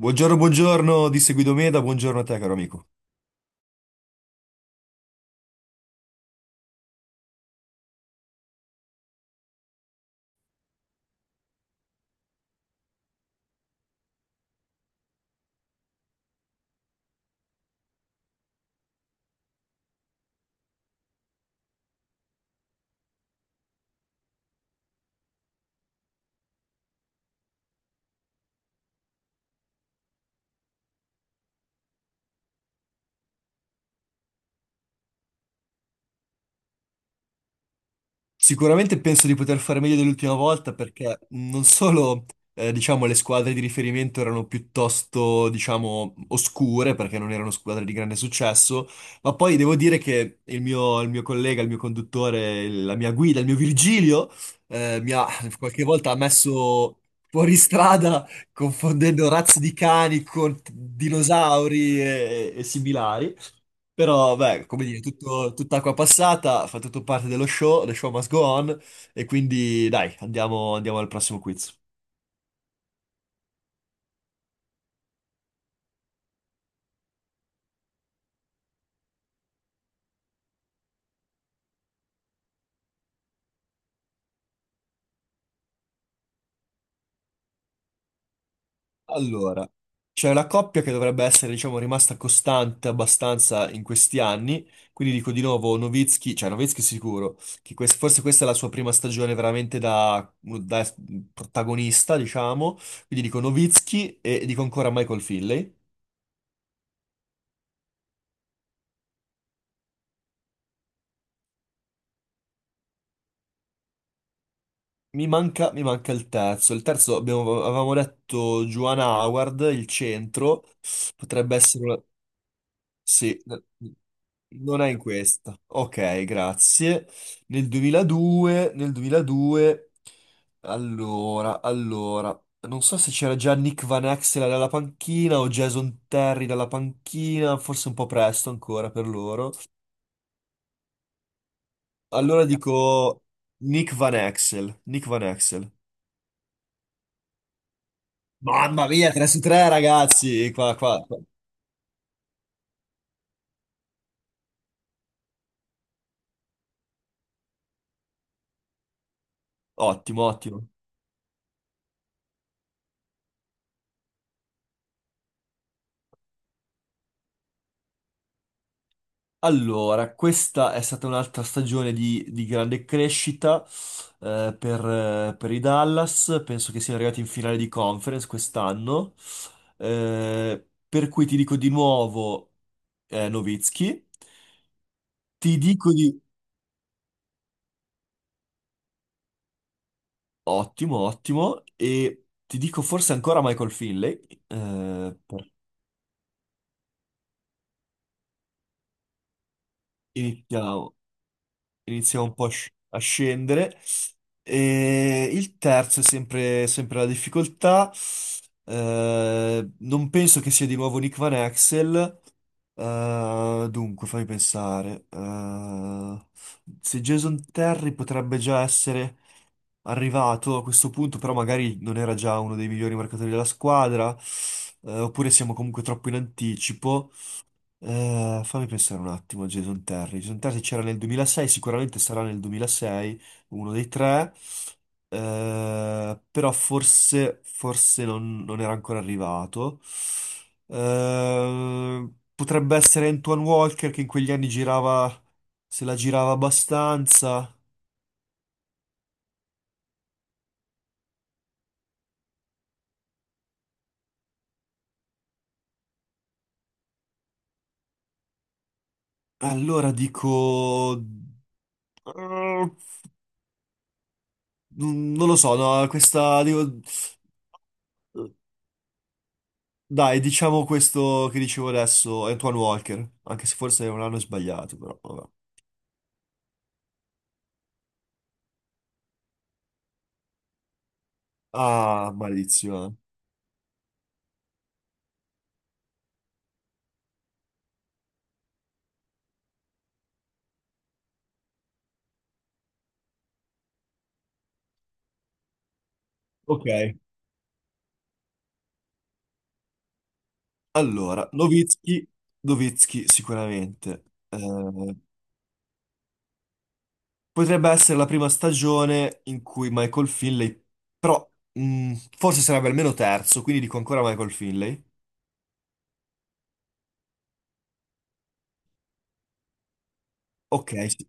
Buongiorno, buongiorno di Seguido Meda, buongiorno a te caro amico. Sicuramente penso di poter fare meglio dell'ultima volta perché non solo diciamo, le squadre di riferimento erano piuttosto diciamo, oscure perché non erano squadre di grande successo, ma poi devo dire che il mio collega, il mio conduttore, la mia guida, il mio Virgilio mi ha qualche volta messo fuori strada confondendo razze di cani con dinosauri e similari. Però, beh, come dire, tutta acqua passata, fa tutto parte dello show, the show must go on, e quindi dai, andiamo al prossimo quiz. Allora, c'è una coppia che dovrebbe essere, diciamo, rimasta costante abbastanza in questi anni, quindi dico di nuovo Nowitzki, cioè Nowitzki sicuro, che forse questa è la sua prima stagione veramente da, da protagonista, diciamo, quindi dico Nowitzki e dico ancora Michael Finley. Mi manca il terzo. Il terzo avevamo detto Joanna Howard, il centro. Potrebbe essere una... Sì, non è in questa. Ok, grazie. Nel 2002... Allora... Non so se c'era già Nick Van Exel dalla panchina o Jason Terry dalla panchina, forse un po' presto ancora per loro. Allora dico Nick Van Exel. Nick Van Exel. Mamma mia, 3 su 3 ragazzi, qua, qua, qua. Ottimo, ottimo. Allora, questa è stata un'altra stagione di grande crescita per i Dallas, penso che siano arrivati in finale di conference quest'anno. Per cui ti dico di nuovo Nowitzki, ti dico di... Ottimo, ottimo, e ti dico forse ancora Michael Finley, iniziamo. Inizia un po' a, a scendere. E il terzo è sempre la difficoltà. Non penso che sia di nuovo Nick Van Axel. Dunque, fammi pensare. Se Jason Terry potrebbe già essere arrivato a questo punto, però magari non era già uno dei migliori marcatori della squadra, oppure siamo comunque troppo in anticipo. Fammi pensare un attimo a Jason Terry. Jason Terry c'era nel 2006, sicuramente sarà nel 2006, uno dei tre, però forse non era ancora arrivato. Potrebbe essere Antoine Walker che in quegli anni girava, se la girava abbastanza. Allora dico... eh, non lo so, no, questa... Dico... Dai, diciamo questo che dicevo adesso, Antoine Walker, anche se forse non l'hanno sbagliato, però vabbè. Ah, maledizione. Ok, allora, Nowitzki, Nowitzki sicuramente. Potrebbe essere la prima stagione in cui Michael Finley, però forse sarebbe almeno terzo, quindi dico ancora Michael Finley. Ok, sì.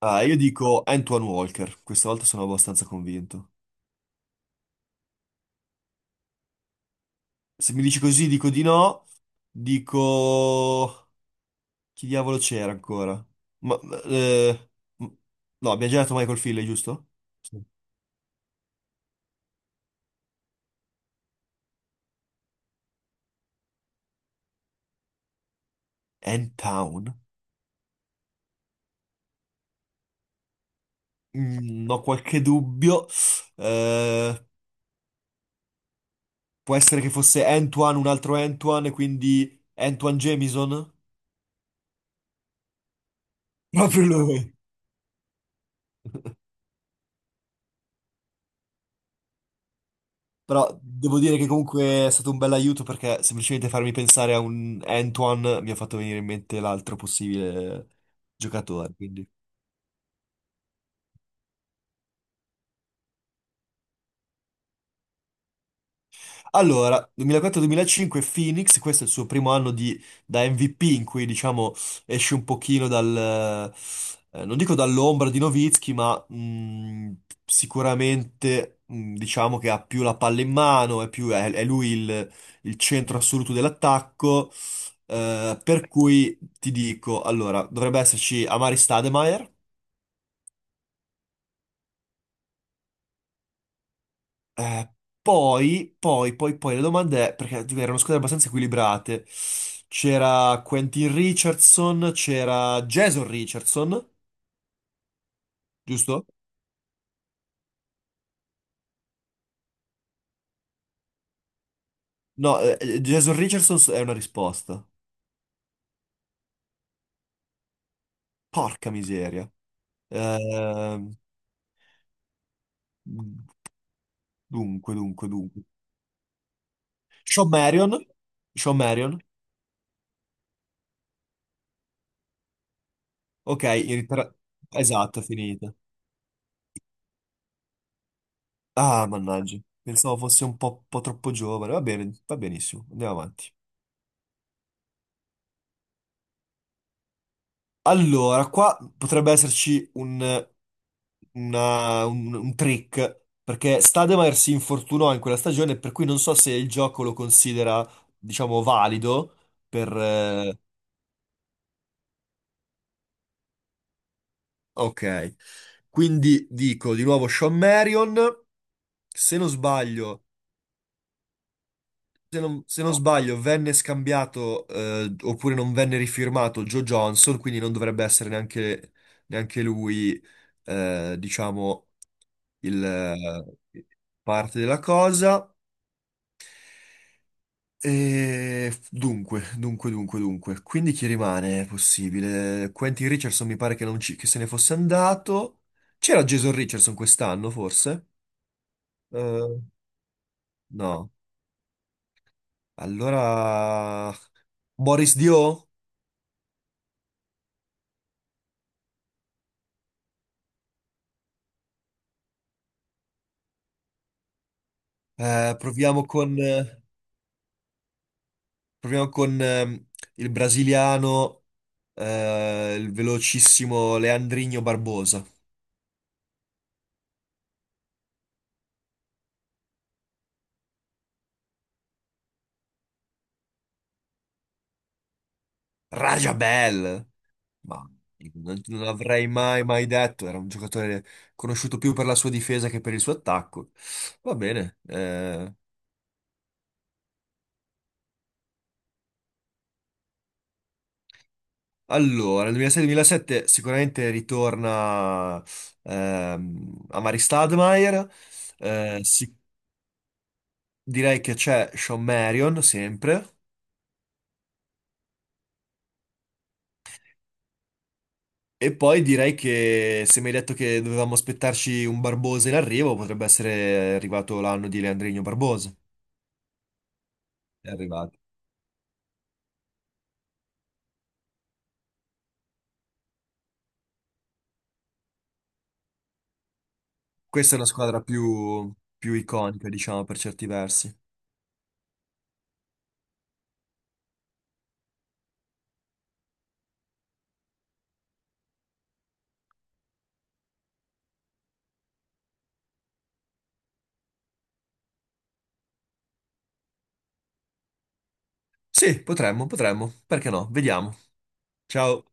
Ah, io dico Antoine Walker, questa volta sono abbastanza convinto. Se mi dici così dico di no, dico... Chi diavolo c'era ancora? Ma, eh, m- no, abbiamo già detto Michael Finley, giusto? Sì. N-Town? Mm, ho qualche dubbio. Eh, Può essere che fosse Antoine, un altro Antoine, e quindi Antoine Jamison? Proprio lui. Però devo dire che comunque è stato un bel aiuto perché semplicemente farmi pensare a un Antoine mi ha fatto venire in mente l'altro possibile giocatore. Quindi allora, 2004-2005 Phoenix, questo è il suo primo da MVP in cui diciamo esce un pochino dal, non dico dall'ombra di Nowitzki, ma sicuramente diciamo che ha più la palla in mano, è lui il centro assoluto dell'attacco, per cui ti dico, allora, dovrebbe esserci Amari Stoudemire. Eh, poi le domande, perché dico, erano squadre abbastanza equilibrate. C'era Quentin Richardson, c'era Jason Richardson, giusto? No, Jason Richardson è una risposta. Porca miseria. Ehm, dunque, dunque, dunque. Sean Marion? Sean Marion? Ok, in ritira- Esatto, è finita. Ah, mannaggia. Pensavo fosse un po' troppo giovane. Va bene, va benissimo. Andiamo avanti. Allora, qua potrebbe un trick, perché Stademeyer si infortunò in quella stagione, per cui non so se il gioco lo considera, diciamo, valido per... ok, quindi dico di nuovo Sean Marion, se non sbaglio. Se non sbaglio, venne scambiato, oppure non venne rifirmato Joe Johnson, quindi non dovrebbe essere neanche lui, diciamo, il, eh, parte della cosa. E dunque. Quindi chi rimane? È possibile. Quentin Richardson mi pare che, non ci- che se ne fosse andato. C'era Jason Richardson quest'anno, forse? Eh, no. Allora... Boris Dio? Eh, proviamo con, eh, proviamo con, il brasiliano, il velocissimo Leandrinho Barbosa. Rajabel! Ma non, non avrei mai detto. Era un giocatore conosciuto più per la sua difesa che per il suo attacco. Va bene. Allora, nel 2006-2007 sicuramente ritorna Amari Stoudemire. eh, si- Direi che c'è Sean Marion sempre. E poi direi che se mi hai detto che dovevamo aspettarci un Barbosa in arrivo, potrebbe essere arrivato l'anno di Leandrino Barbosa. È arrivato. Questa è una squadra più iconica, diciamo, per certi versi. Sì, potremmo, perché no? Vediamo. Ciao.